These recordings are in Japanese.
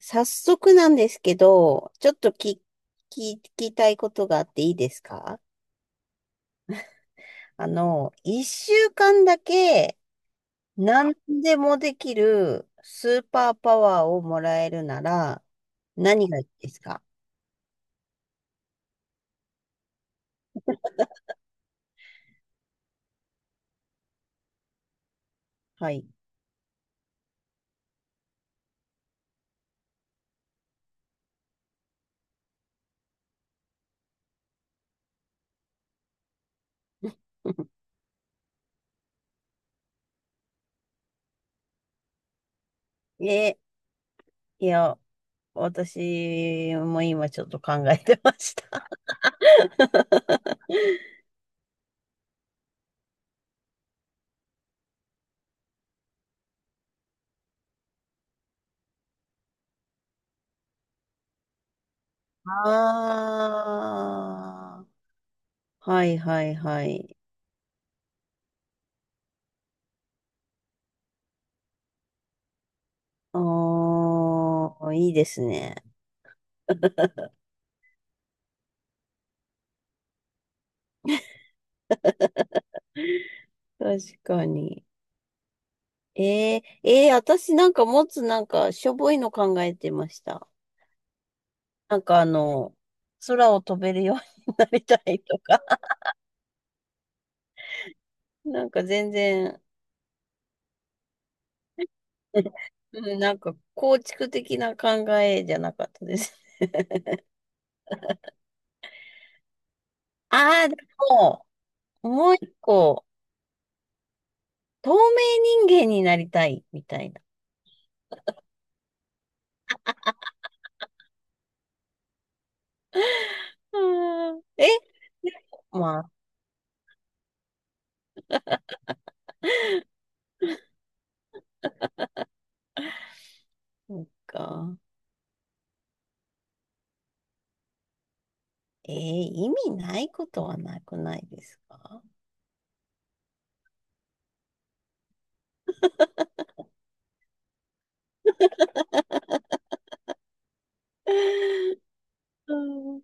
早速なんですけど、ちょっとき聞きたいことがあっていいですか？あの、一週間だけ何でもできるスーパーパワーをもらえるなら何がいいですか？はい。え、いや、私も今ちょっと考えてました。ああ、はいはいはい。ああ、いいですね。確かに。私なんかもつなんかしょぼいの考えてました。なんかあの、空を飛べるようになりたいとか、なんか全然、うんなんか構築的な考えじゃなかったです。ああ、でも、もう一個、透明人間になりたい、みたいな。うんえ、まあ、そっか。えー、意味ないことはなくないですか？ うん。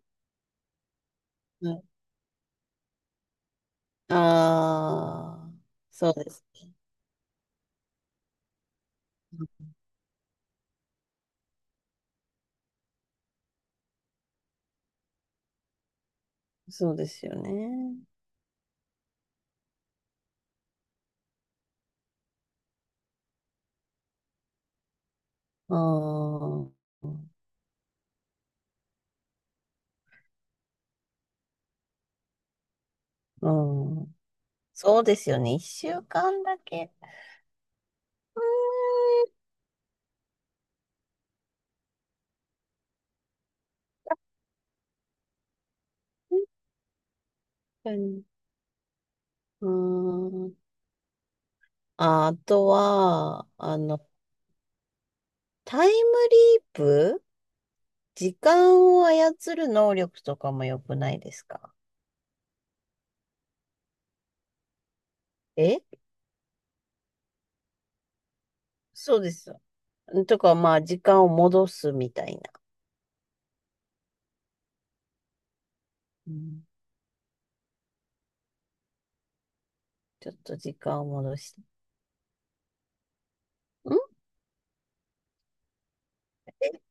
ああ、そうですね。そうですよね。うん。うん。そうですよね。一週間だけ。うーん。確かに。うーん。あ、あとは、あの、タイムリープ、時間を操る能力とかも良くないですか？えそうですよ。とか、まあ、時間を戻すみたいな。うん、ちょっと時間を戻して。ん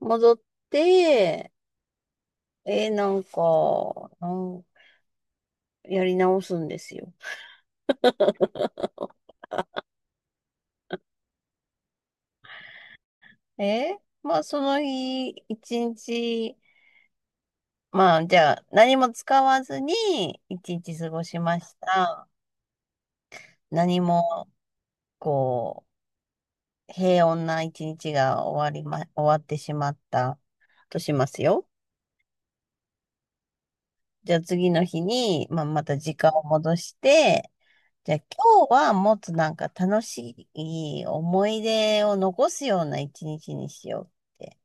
戻って、えーなんか、なんやり直すんですよ。えー、まあ、その日、一日、まあ、じゃあ、何も使わずに、一日過ごしました。何も、こう、平穏な一日が終わりま、終わってしまったとしますよ。じゃあ、次の日に、まあ、また時間を戻して、じゃあ今日はもっとなんか楽しい思い出を残すような一日にしようって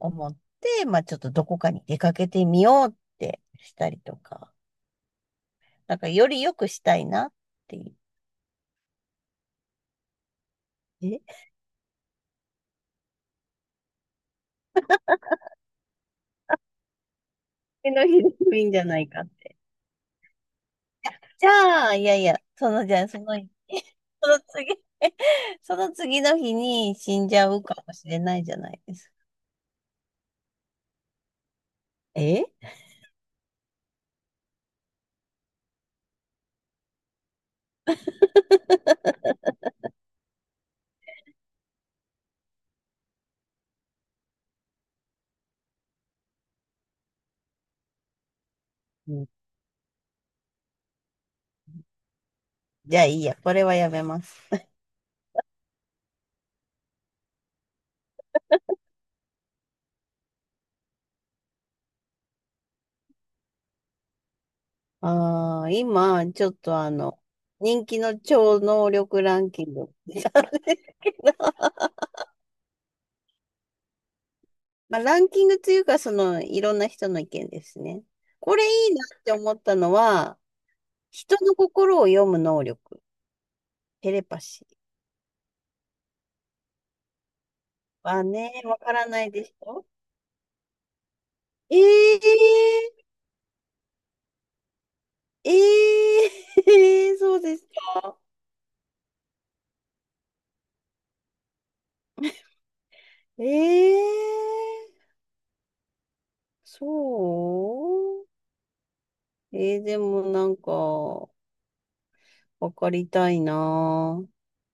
思って、まあちょっとどこかに出かけてみようってしたりとか、なんかより良くしたいなっていう。え、次の日でもいいんじゃないかって。じゃあ、いやいや、そのじゃあその、その次、その次の日に死んじゃうかもしれないじゃないですか。えうん じゃあいいや、これはやめます。ああ、今、ちょっとあの、人気の超能力ランキング。まあ、ランキングというか、その、いろんな人の意見ですね。これいいなって思ったのは、人の心を読む能力、テレパシーはね、わからないでしょ？ええええー そうですか。ええそうでもなんか、わかりたいな。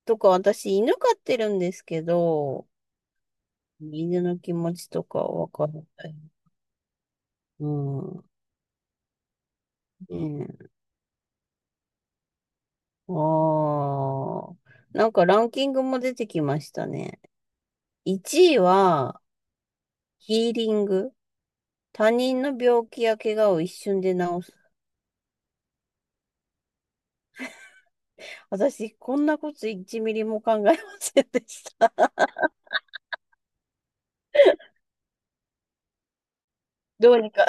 とか、私、犬飼ってるんですけど、犬の気持ちとかわからない。うん。ねえ。ああ。なんかランキングも出てきましたね。1位は、ヒーリング。他人の病気や怪我を一瞬で治す。私、こんなこと1ミリも考えませんでした。どうにか。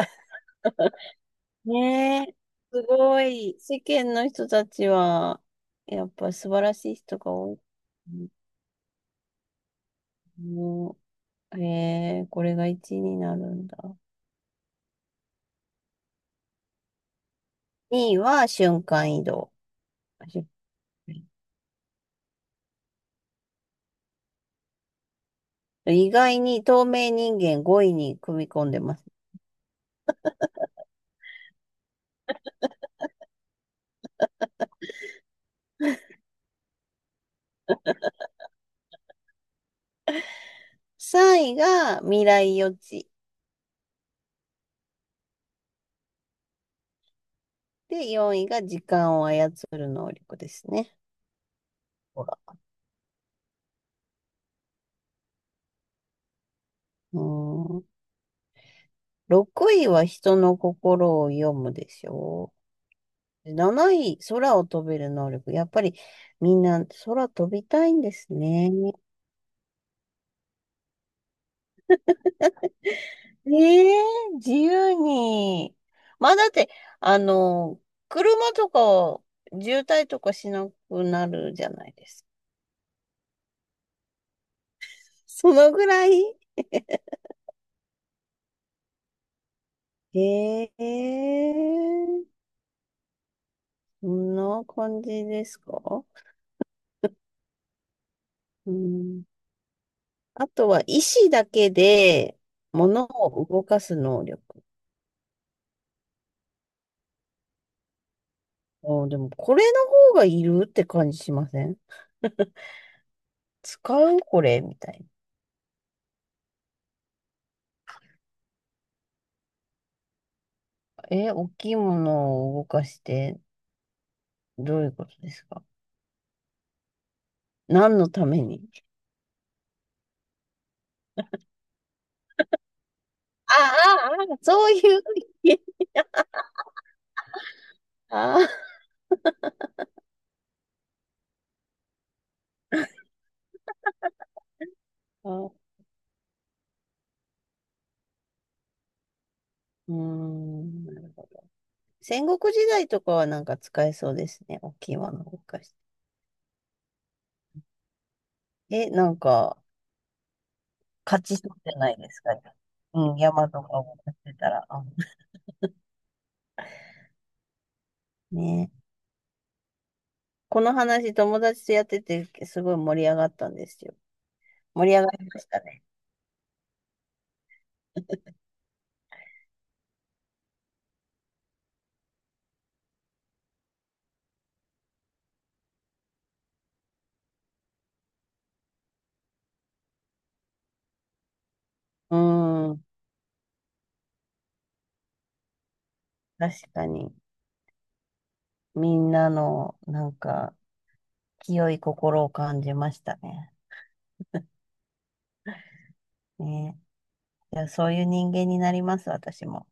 ねえ。すごい。世間の人たちは、やっぱ素晴らしい人が多い。うんえー、これが1になるんだ。2位は瞬間移動。瞬間移動意外に透明人間5位に組み込んでます。3位が未来予知。で、4位が時間を操る能力ですね。ほら。うーん。6位は人の心を読むでしょう。7位、空を飛べる能力。やっぱりみんな空飛びたいんですね。ええ自由に。まあだって、あの、車とか渋滞とかしなくなるじゃないですか。そのぐらい。ええそんな感じですか？うん。あとは意志だけで物を動かす能力。あ、でもこれの方がいるって感じしません？使うこれみたいな。え、大きいものを動かしてどういうことですか？何のために？ああ、ああ、そういう意味。ああ、あうーん、なるほど。戦国時代とかはなんか使えそうですね。大きいものを動かして。え、なんか、勝ちそうじゃないですか。うん、山とかをやってたら。あ、ね。この話、友達とやってて、すごい盛り上がったんですよ。盛り上がりましたね。うーん、確かに。みんなの、なんか、清い心を感じましたね。ね。いや、そういう人間になります、私も。